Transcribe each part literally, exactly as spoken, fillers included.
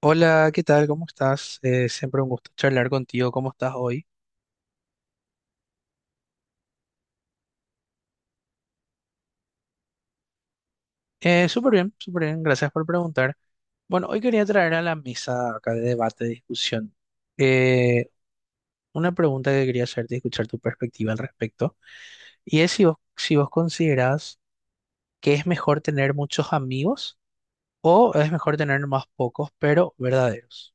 Hola, ¿qué tal? ¿Cómo estás? Eh, siempre un gusto charlar contigo. ¿Cómo estás hoy? Eh, súper bien, súper bien. Gracias por preguntar. Bueno, hoy quería traer a la mesa acá de debate, de discusión, eh, una pregunta que quería hacerte y escuchar tu perspectiva al respecto. Y es si vos, si vos considerás que es mejor tener muchos amigos o es mejor tener más pocos, pero verdaderos.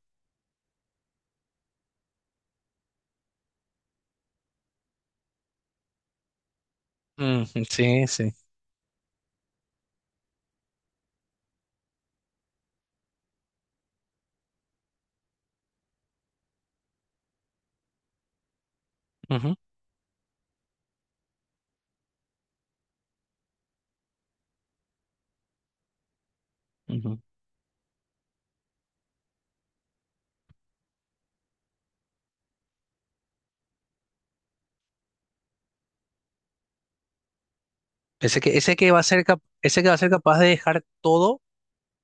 Mm, sí, sí. Ujú, ujú. Ese que, ese que va a ser cap- ese que va a ser capaz de dejar todo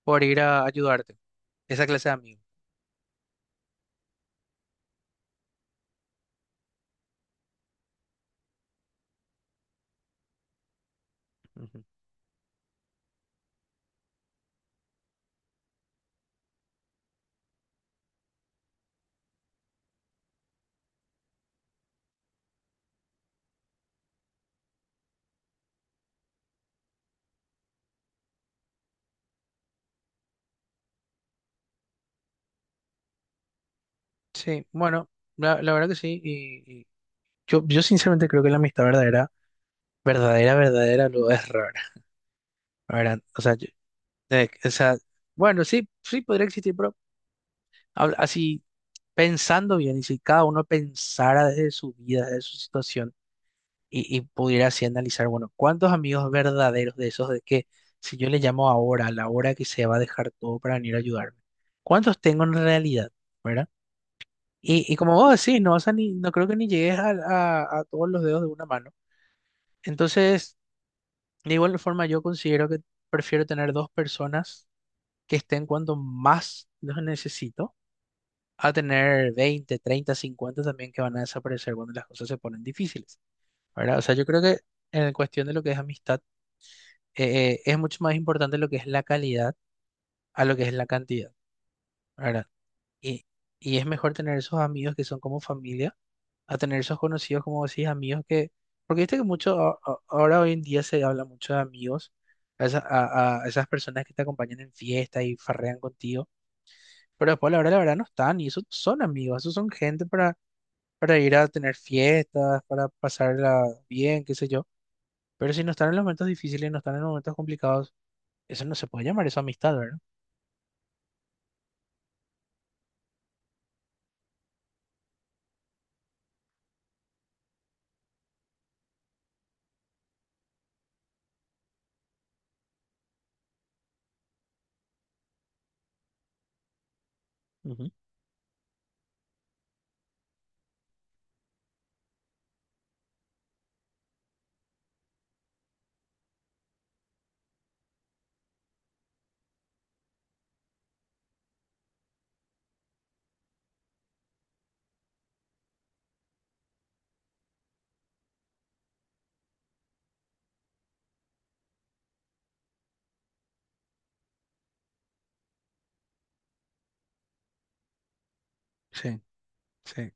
por ir a ayudarte. Esa clase de amigos. Ujú. Sí, bueno, la, la verdad que sí. Y, y yo, yo sinceramente creo que la amistad verdadera, verdadera, verdadera, lo es rara. ¿Verdad? O sea, yo- eh, o sea, bueno, sí, sí podría existir, pero habla- así pensando bien, y si cada uno pensara desde su vida, desde su situación, y, y pudiera así analizar, bueno, ¿cuántos amigos verdaderos de esos de que si yo le llamo ahora, a la hora que se va a dejar todo para venir a ayudarme? ¿Cuántos tengo en realidad? ¿Verdad? Y, y como vos decís, no vas a ni, no creo que ni llegues a a, a todos los dedos de una mano. Entonces, de igual forma, yo considero que prefiero tener dos personas que estén cuando más los necesito, a tener veinte treinta cincuenta también que van a desaparecer cuando las cosas se ponen difíciles, ¿verdad? O sea, yo creo que en cuestión de lo que es amistad, eh, eh, es mucho más importante lo que es la calidad a lo que es la cantidad, ¿verdad? Y, y es mejor tener esos amigos que son como familia a tener esos conocidos, como decís, amigos que, porque viste que mucho, a- a- ahora hoy en día se habla mucho de amigos, a, esa- a- a esas personas que te acompañan en fiestas y farrean contigo, pero después a la hora de la verdad no están, y esos son amigos, esos son gente para, para ir a tener fiestas, para pasarla bien, qué sé yo, pero si no están en los momentos difíciles, no están en los momentos complicados, eso no se puede llamar eso amistad, ¿verdad? Ujú. Sí, sí.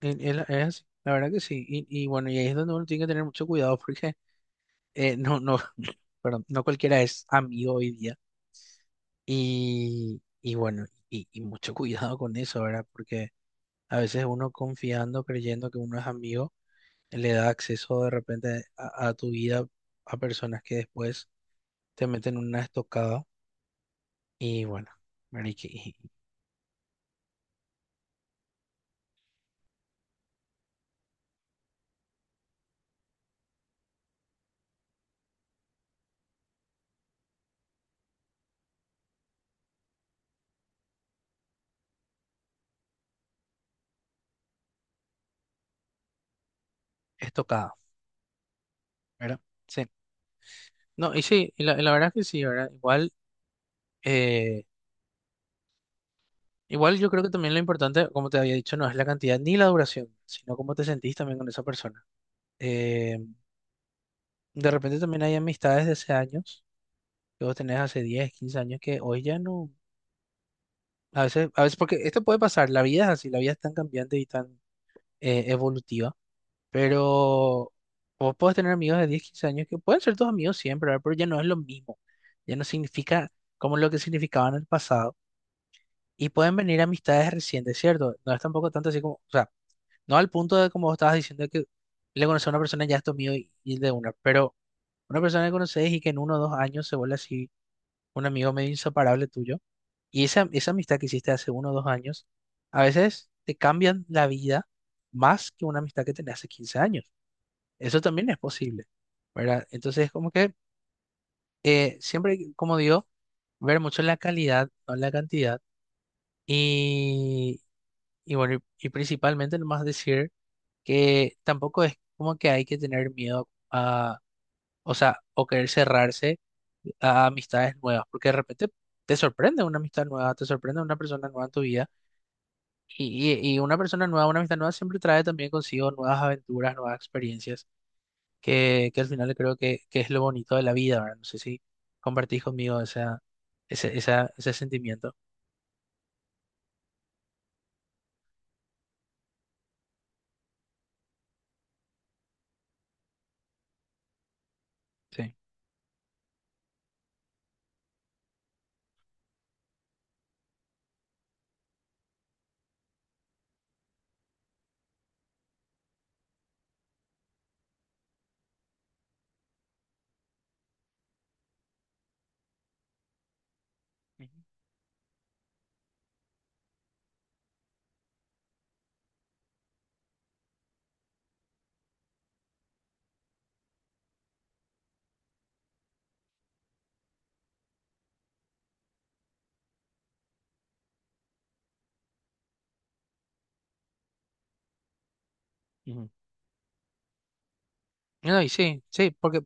Y- y la- Es, así, la verdad que sí, y, y bueno, y ahí es donde uno tiene que tener mucho cuidado, porque eh, no, no, perdón, no cualquiera es amigo hoy día. Y, y bueno, y, y mucho cuidado con eso, ¿verdad? Porque a veces uno confiando, creyendo que uno es amigo, le da acceso de repente a, a tu vida a personas que después te meten una estocada. Y bueno, ¿verdad? Y que- y- y estocada, ¿verdad? Sí. No, y sí, y la, y la verdad es que sí, ¿verdad? Igual, eh, igual yo creo que también lo importante, como te había dicho, no es la cantidad ni la duración, sino cómo te sentís también con esa persona. Eh, De repente también hay amistades de hace años, que vos tenés hace diez quince años, que hoy ya no, a veces, a veces, porque esto puede pasar, la vida es así, la vida es tan cambiante y tan eh, evolutiva, pero vos podés tener amigos de diez quince años que pueden ser tus amigos siempre, ¿verdad? Pero ya no es lo mismo, ya no significa como lo que significaba en el pasado, y pueden venir amistades recientes, ¿cierto? No es tampoco tanto así como, o sea, no al punto de como vos estabas diciendo que le conoces a una persona y ya es tu amigo y, y de una, pero una persona que conoces y que en uno o dos años se vuelve así un amigo medio inseparable tuyo, y esa, esa amistad que hiciste hace uno o dos años, a veces te cambian la vida más que una amistad que tenés hace quince años. Eso también es posible, ¿verdad? Entonces, como que eh, siempre, como digo, ver mucho la calidad, no la cantidad, y, y bueno, y, y principalmente nomás decir que tampoco es como que hay que tener miedo a o sea, o querer cerrarse a amistades nuevas, porque de repente te sorprende una amistad nueva, te sorprende una persona nueva en tu vida, y, y- y una persona nueva, una amistad nueva siempre trae también consigo nuevas aventuras, nuevas experiencias, que, que al final creo que, que es lo bonito de la vida, ¿verdad? No sé si compartís conmigo esa, ese, esa- ese sentimiento. Sí. Ujú, ujú. No, y sí, sí, porque,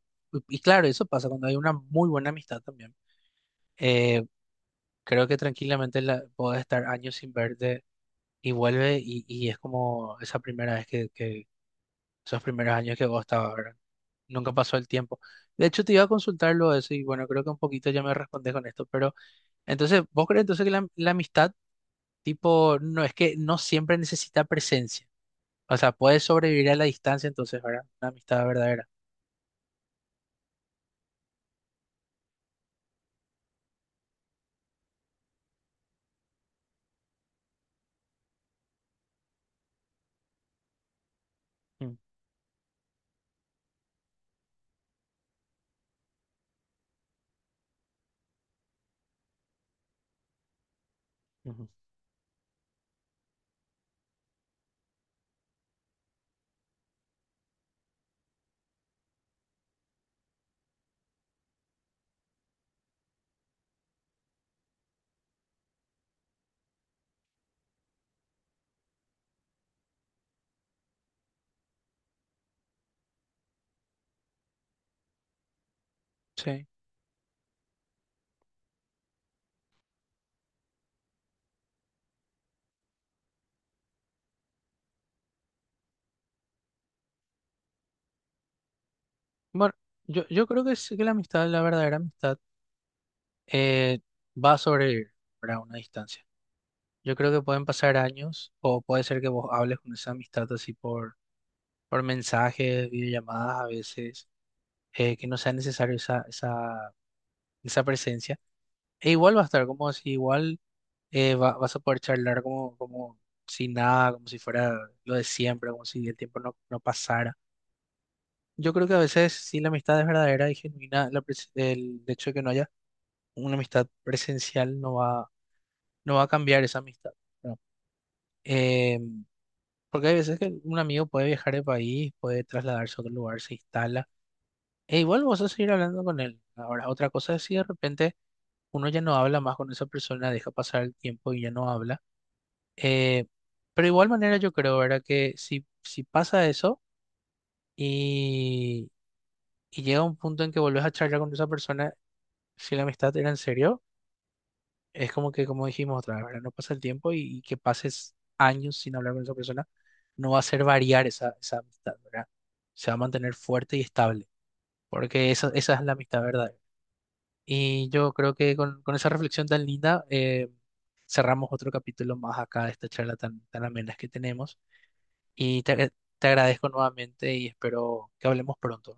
y claro, eso pasa cuando hay una muy buena amistad también. Eh, creo que tranquilamente la, podés estar años sin verte y vuelve y, y es como esa primera vez que, que esos primeros años que vos estabas, ¿verdad? Nunca pasó el tiempo. De hecho, te iba a consultarlo eso y bueno, creo que un poquito ya me respondes con esto, pero entonces, ¿vos crees entonces que la, la amistad, tipo, no es que no siempre necesita presencia? O sea, puede sobrevivir a la distancia entonces, ¿verdad? Una amistad verdadera. Mm, ujú. Sí. Bueno, yo, yo creo que sí que la amistad, la verdadera amistad, eh, va a sobrevivir, ¿verdad? A una distancia. Yo creo que pueden pasar años o puede ser que vos hables con esa amistad así por, por, mensajes, videollamadas a veces, eh, que no sea necesario esa, esa, esa presencia. E igual va a estar como si igual eh, va- vas a poder charlar como, como si nada, como si fuera lo de siempre, como si el tiempo no, no pasara. Yo creo que a veces si la amistad es verdadera y genuina, la pres- el hecho de que no haya una amistad presencial no va, no va a cambiar esa amistad. ¿No? Em, porque hay veces que un amigo puede viajar de país, puede trasladarse a otro lugar, se instala. E igual vos vas a seguir hablando con él. Ahora, otra cosa es si de repente uno ya no habla más con esa persona, deja pasar el tiempo y ya no habla. Eh, pero igual manera yo creo, ¿verdad? Que si, si, pasa eso y, y llega un punto en que volvés a charlar con esa persona, si la amistad era en serio. Es como que, como dijimos otra vez, ¿verdad? No pasa el tiempo y, y que pases años sin hablar con esa persona no va a hacer variar esa, esa amistad, ¿verdad? Se va a mantener fuerte y estable, porque esa, esa es la amistad verdadera. Y yo creo que con, con esa reflexión tan linda, eh, cerramos otro capítulo más acá de esta charla tan, tan amena que tenemos. Y te, te agradezco nuevamente y espero que hablemos pronto.